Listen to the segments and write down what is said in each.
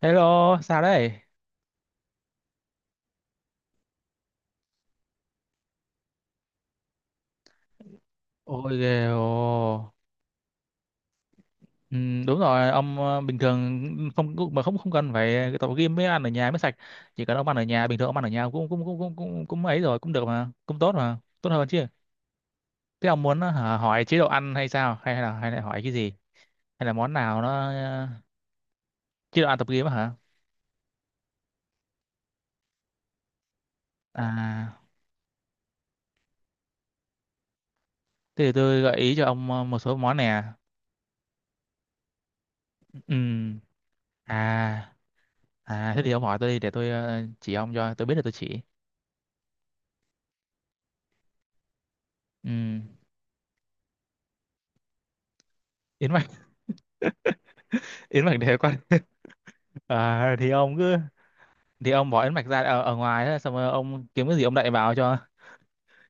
Hello, sao đấy? Ôi ghê ồ. Ừ, đúng rồi, ông bình thường không mà không không cần phải tập gym mới ăn ở nhà mới sạch. Chỉ cần ông ăn ở nhà, bình thường ông ăn ở nhà cũng cũng cũng cũng cũng, cũng ấy rồi, cũng được mà, cũng tốt mà, tốt hơn chứ. Thế ông muốn hỏi chế độ ăn hay sao? Hay là hỏi cái gì? Hay là món nào nó chế độ ăn tập gym á hả? À, thế thì tôi gợi ý cho ông một số món nè. Ừ. À, à, thế thì ông hỏi tôi đi để tôi chỉ ông cho tôi biết là tôi chỉ. Ừ. Yến mạch, yến mạch để qua. À, thì ông cứ thì ông bỏ ấn mạch ra ở ngoài đó, xong rồi ông kiếm cái gì ông đậy vào cho,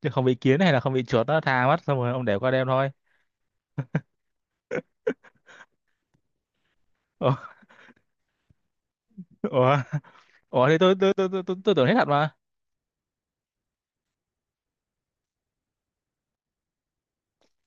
chứ không bị kiến hay là không bị chuột nó tha mất, xong rồi ông để qua đêm thôi. Ủa, ủa, ủa, thì tôi tưởng hết thật mà.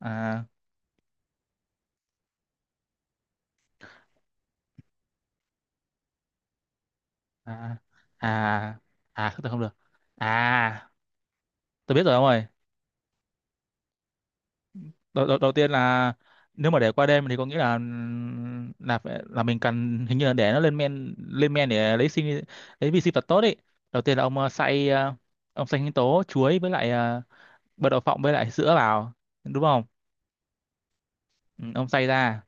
À, à, à, à, không được, không được. À, tôi biết rồi ông ơi. Đầu tiên là, nếu mà để qua đêm thì có nghĩa là là mình cần hình như là để nó lên men, lên men để lấy sinh, lấy vi sinh vật tốt ấy. Đầu tiên là ông xay ông xay sinh tố chuối với lại bật đậu phộng với lại sữa vào, đúng không? Ừ, ông xay ra,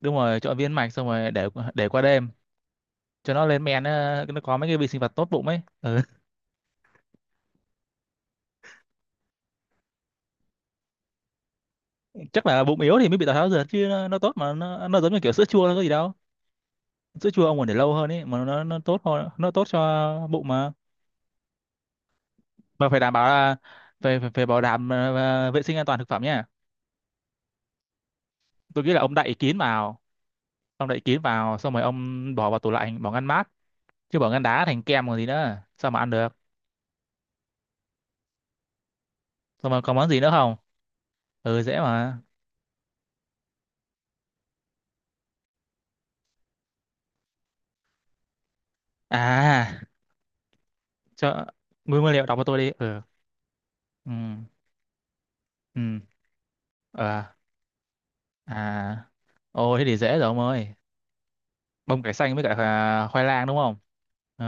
đúng rồi, trộn viên mạch xong rồi để qua đêm cho nó lên men, nó có mấy cái vi sinh vật tốt bụng ấy. Ừ. Chắc là bụng yếu thì mới bị tào tháo dượt chứ nó tốt mà, nó giống như kiểu sữa chua, nó có gì đâu. Sữa chua ông còn để lâu hơn ấy mà, nó tốt hơn, nó tốt cho bụng mà. Mà phải đảm bảo là phải phải, phải bảo đảm vệ sinh an toàn thực phẩm nha. Tôi nghĩ là ông đậy kín vào, ông đậy kín vào xong rồi ông bỏ vào tủ lạnh, bỏ ngăn mát, chứ bỏ ngăn đá thành kem còn gì nữa, sao mà ăn được. Xong rồi còn món gì nữa không? Ừ, dễ mà. À, cho nguyên nguyên liệu đọc cho tôi đi. Ừ. Ừ. Ừ. Ờ. À. Ôi thế thì dễ rồi ông ơi. Bông cải xanh với cả à, khoai lang đúng không? Ờ,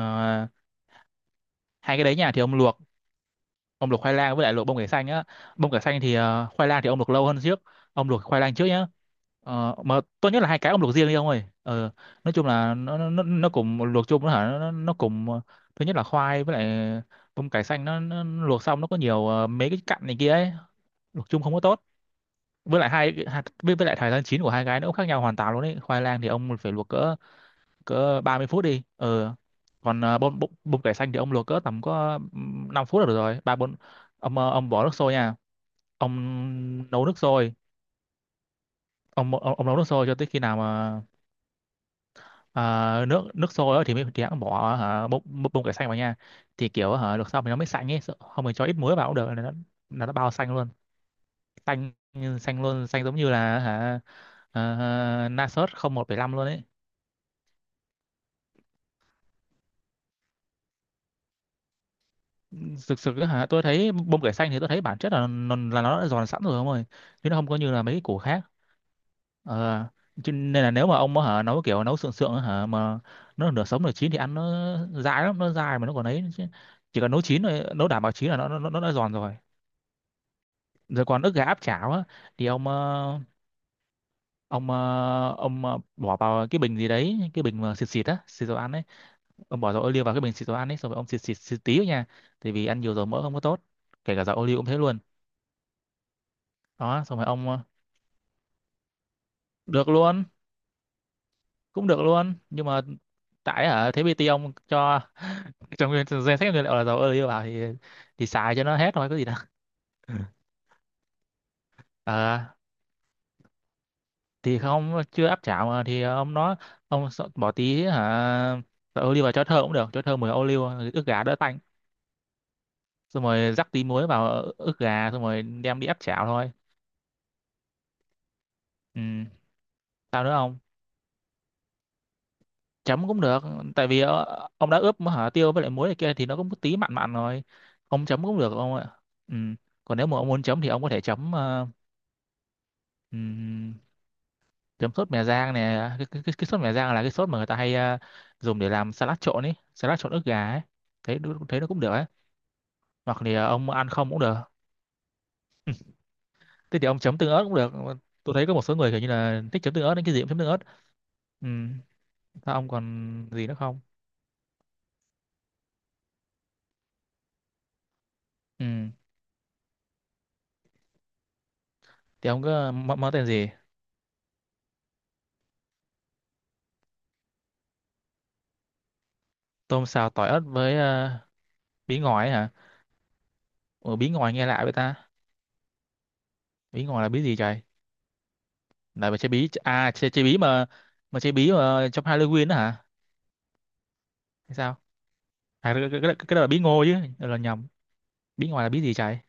hai cái đấy nhà thì ông luộc khoai lang với lại luộc bông cải xanh á. Bông cải xanh thì khoai lang thì ông luộc lâu hơn trước. Ông luộc khoai lang trước nhá. Ờ, mà tốt nhất là hai cái ông luộc riêng đi ông ơi. Ờ, nói chung là nó cùng luộc chung, nó hả, nó cùng thứ nhất là khoai với lại bông cải xanh, nó luộc xong nó có nhiều mấy cái cặn này kia ấy. Luộc chung không có tốt. Với lại hai hai- với lại thời gian chín của hai cái nó cũng khác nhau hoàn toàn luôn đấy, khoai lang thì ông phải luộc cỡ cỡ 30 phút đi. Ờ còn bông cải xanh thì ông luộc cỡ tầm có 5 phút là được rồi, ba bốn. Ông ông bỏ nước sôi nha, ông nấu nước sôi, ông nấu nước sôi cho tới khi nào mà, à, nước, nước sôi á thì mới, thì hãng bỏ hả, bông bông cải xanh vào nha, thì kiểu hả luộc xong thì nó mới xanh ấy, không mình cho ít muối vào cũng được là nó, là nó bao xanh luôn, xanh, xanh luôn, xanh giống như là hả, na sốt không một bảy năm luôn ấy. Thực sự á hả, tôi thấy bông cải xanh thì tôi thấy bản chất là nó đã giòn sẵn rồi ông ơi, chứ nó không có như là mấy cái củ khác. Ờ, cho nên là nếu mà ông hả nấu kiểu nấu sượng sượng á hả mà nó nửa sống nửa chín thì ăn nó dai lắm, nó dai mà nó còn ấy chứ, chỉ cần nấu chín rồi, nấu đảm bảo chín là nó đã giòn rồi. Rồi còn ức gà áp chảo á, thì ông bỏ vào cái bình gì đấy, cái bình mà xịt xịt á, xịt dầu ăn ấy. Ông bỏ dầu ô liu vào cái bình xịt dầu ăn ấy, xong rồi ông xịt xịt xịt tí thôi nha, tại vì ăn nhiều dầu mỡ không có tốt, kể cả dầu ô liu cũng thế luôn. Đó xong rồi ông được luôn, cũng được luôn, nhưng mà tại hả thế PT ông cho trong danh sách nguyên liệu là dầu ô liu vào thì xài cho nó hết thôi, có gì đâu. Ờ, thì không, chưa áp chảo mà thì ông nói, bỏ tí hả dầu ô liu vào cho thơm cũng được, cho thơm mùi ô liu, ức gà đỡ tanh, xong rồi rắc tí muối vào ức gà, xong rồi đem đi áp chảo thôi. Ừ. Sao nữa không? Chấm cũng được, tại vì ông đã ướp hả tiêu với lại muối này kia thì nó cũng tí mặn mặn rồi, ông chấm cũng được ông ạ. Ừ. Còn nếu mà ông muốn chấm thì ông có thể chấm ừm, chấm sốt mè rang này, cái sốt mè rang là cái sốt mà người ta hay dùng để làm salad trộn ấy, salad trộn ức gà ấy, thấy thấy nó cũng được ấy. Hoặc thì ông ăn không cũng được. Thế thì ông chấm tương ớt cũng được. Ờ, tôi thấy có một số người kiểu như là thích chấm tương ớt nên cái gì cũng chấm tương ớt. Ừ. Sao ông còn gì nữa không? Ừ, thì ông có món, món tên gì? Tôm xào tỏi ớt với bí ngòi ấy hả? Ủa, bí ngòi nghe lạ vậy ta, bí ngòi là bí gì trời? Là mà chơi bí à, chơi bí mà chơi bí mà trong Halloween đó hả, hay sao? À, cái đó là bí ngô chứ. Ờ, là nhầm. Bí ngòi là bí gì trời?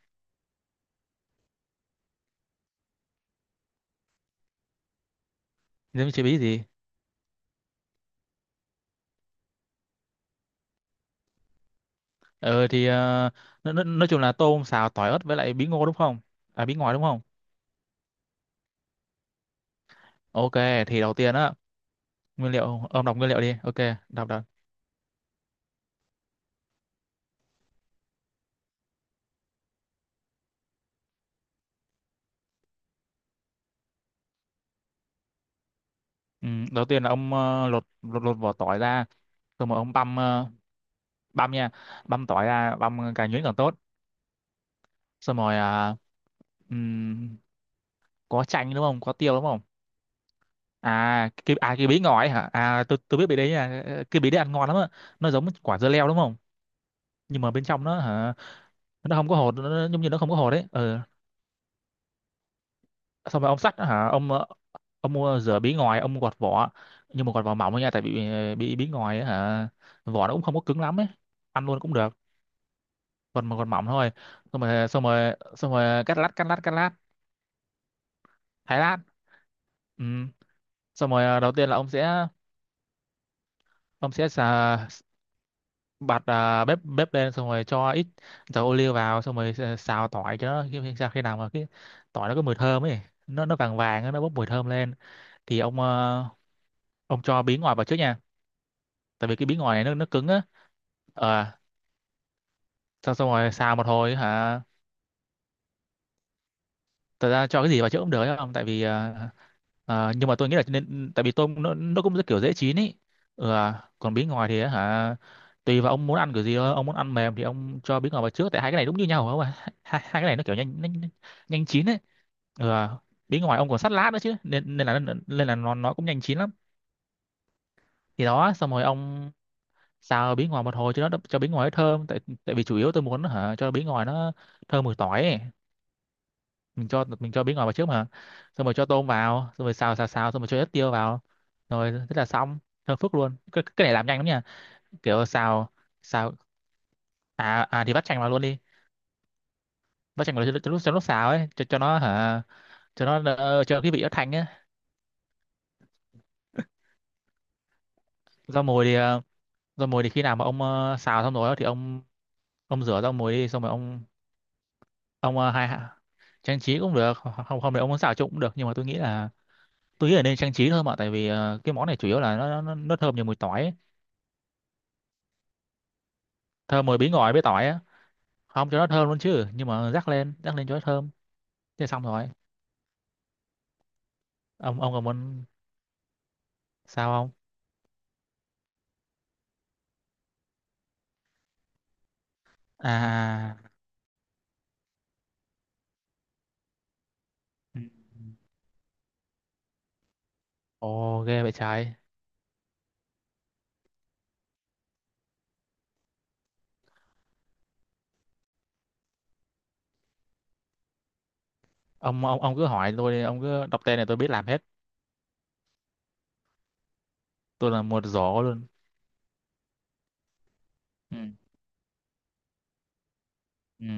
Nên chơi bí gì? Ờ thì nó, nói chung là tôm xào tỏi ớt với lại bí ngô đúng không? À, bí ngòi đúng không? OK, thì đầu tiên á, nguyên liệu, ông đọc nguyên liệu đi, OK, đọc đọc. Ừ, đầu tiên là ông lột lột lột vỏ tỏi ra, xong rồi mà ông băm băm nha, băm tỏi ra, băm càng nhuyễn càng tốt. Xong rồi ừm, có chanh đúng không, có tiêu đúng không? À, cái bí ngò ấy hả, à tôi biết bí đấy nha. Ờ, cái bí đấy ăn ngon lắm á, nó giống quả dưa leo đúng không, nhưng mà bên trong nó hả, nó không có hột, giống như nó không có hột đấy. Ừ. Xong rồi ông sắt hả, ông ông mua rửa bí ngòi, ông gọt vỏ, nhưng mà gọt vỏ mỏng thôi nha, tại vì bí bí ngòi ấy, hả, vỏ nó cũng không có cứng lắm ấy, ăn luôn cũng được, còn mà gọt mỏng thôi. Xong rồi cắt lát, thái lát. Ừ. Xong rồi đầu tiên là ông sẽ, ông sẽ xà- bật bếp bếp lên, xong rồi cho ít dầu ô liu vào, xong rồi xào tỏi cho nó sao khi nào mà cái tỏi nó có mùi thơm ấy, nó vàng vàng á, nó bốc mùi thơm lên, thì ông ông cho bí ngòi vào trước nha, tại vì cái bí ngòi này nó cứng á. Ờ, xong, xong rồi xào một hồi hả, thật ra cho cái gì vào chữa cũng được ấy không, tại vì nhưng mà tôi nghĩ là nên, tại vì tôm nó cũng rất kiểu dễ chín ý. Ừ, à. Còn bí ngòi thì á hả, tùy vào ông muốn ăn kiểu gì thôi, ông muốn ăn mềm thì ông cho bí ngòi vào trước, tại hai cái này đúng như nhau không ạ, hai cái này nó kiểu nhanh nhanh nhanh chín ấy. Ừ, à. Bí ngòi ông còn sắt lát nữa chứ nên nên là nó cũng nhanh chín lắm. Thì đó, xong rồi ông xào bí ngòi một hồi cho nó, cho bí ngòi nó thơm, tại tại vì chủ yếu tôi muốn hả cho bí ngòi nó thơm mùi tỏi ấy. Mình cho mình cho bí ngò vào trước mà. Xong rồi cho tôm vào, xong rồi xào xào xào, xong rồi cho ít tiêu vào, rồi thế là xong. Thơm phức luôn. Cái này làm nhanh lắm nha. Kiểu xào xào. À thì vắt chanh vào luôn đi. Vắt chanh vào cho lúc cho lúc xào ấy cho nó hả, cho nó cho cái vị nó thanh ấy. Rau mùi thì rau mùi thì khi nào mà ông xào xong rồi á thì ông rửa rau mùi đi, xong rồi ông ờ, hai trang trí cũng được, không không thì ông muốn xào trộn cũng được, nhưng mà tôi nghĩ là nên trang trí thôi mà, tại vì cái món này chủ yếu là nó thơm nhiều mùi tỏi ấy. Thơm mùi bí ngòi với tỏi á, không cho nó thơm luôn chứ, nhưng mà rắc lên cho nó thơm. Thế xong rồi. Ông còn muốn sao không? À, ừ. Ồ, ghê vậy trái. Ông cứ hỏi tôi đi, ông cứ đọc tên này tôi biết làm hết. Tôi là một giỏ luôn. Ừ. Ừ.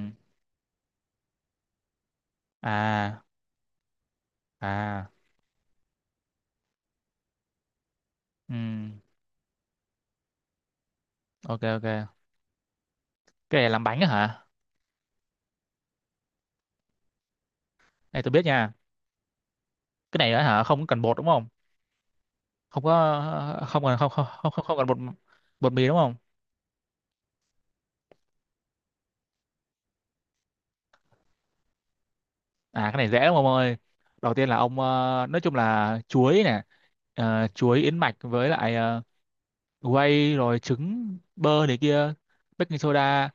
À. À. Ừ. Ok ok. Cái này làm bánh á hả? Này tôi biết nha. Cái này á hả, không cần bột đúng không? Không có, không cần, không cần bột. Bột mì đúng không? À, cái này dễ lắm ông ơi. Đầu tiên là ông, nói chung là chuối nè, chuối, yến mạch, với lại whey, rồi trứng, bơ này kia, baking soda.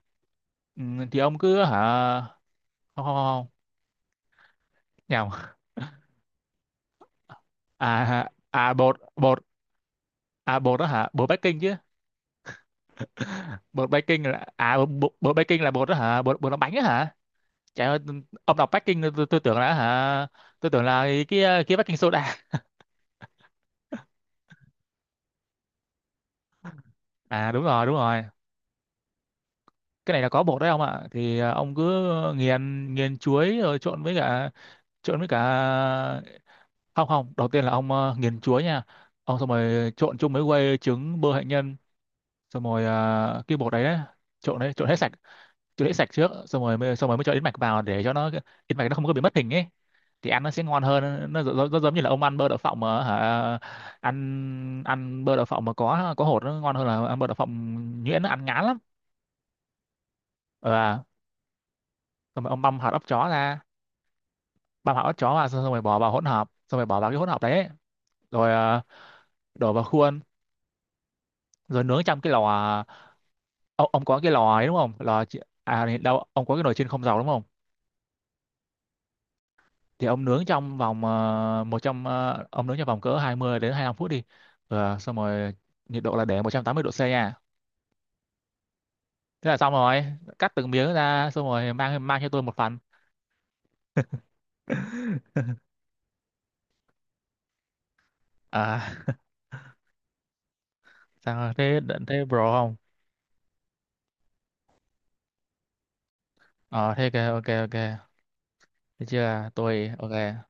Ừ, thì ông cứ hả, không không không nhầm. À, bột bột à bột đó hả? Bột baking chứ. Bột baking là à bột, bột baking là bột đó hả? Bột bột làm bánh đó hả? Trời ơi, ông đọc baking tôi tưởng là hả? Tôi tưởng là cái baking soda. À đúng rồi, đúng rồi. Cái này là có bột đấy ông ạ. Thì à, ông cứ nghiền nghiền chuối rồi trộn với cả, không không đầu tiên là ông à, nghiền chuối nha, ông xong rồi trộn chung với quây, trứng, bơ hạnh nhân, xong rồi à, đấy, Trộn đấy, trộn hết sạch. Trộn hết sạch trước, xong rồi mới cho yến mạch vào để cho nó, yến mạch nó không có bị mất hình ấy, thì ăn nó sẽ ngon hơn. Nó giống như là ông ăn bơ đậu phộng mà hả, ăn ăn bơ đậu phộng mà có hột nó ngon hơn là ăn bơ đậu phộng nhuyễn, nó ăn ngán lắm. Ờ à. Xong rồi ông băm hạt óc chó ra, bà bảo ớt chó vào xong rồi bỏ vào hỗn hợp, xong rồi bỏ vào cái hỗn hợp đấy rồi đổ vào khuôn, rồi nướng trong cái lò. Ông có cái lò ấy đúng không, à đâu, ông có cái nồi chiên không dầu đúng không? Thì ông nướng trong vòng ông nướng trong vòng cỡ 20 đến 25 phút đi. Ờ, xong rồi nhiệt độ là để 180°C nha. Thế là xong rồi. Cắt từng miếng ra xong rồi mang mang cho tôi một phần. À, sao thế? Thế bro không? Ờ thế ok ok ok. Thế chưa, tôi ok.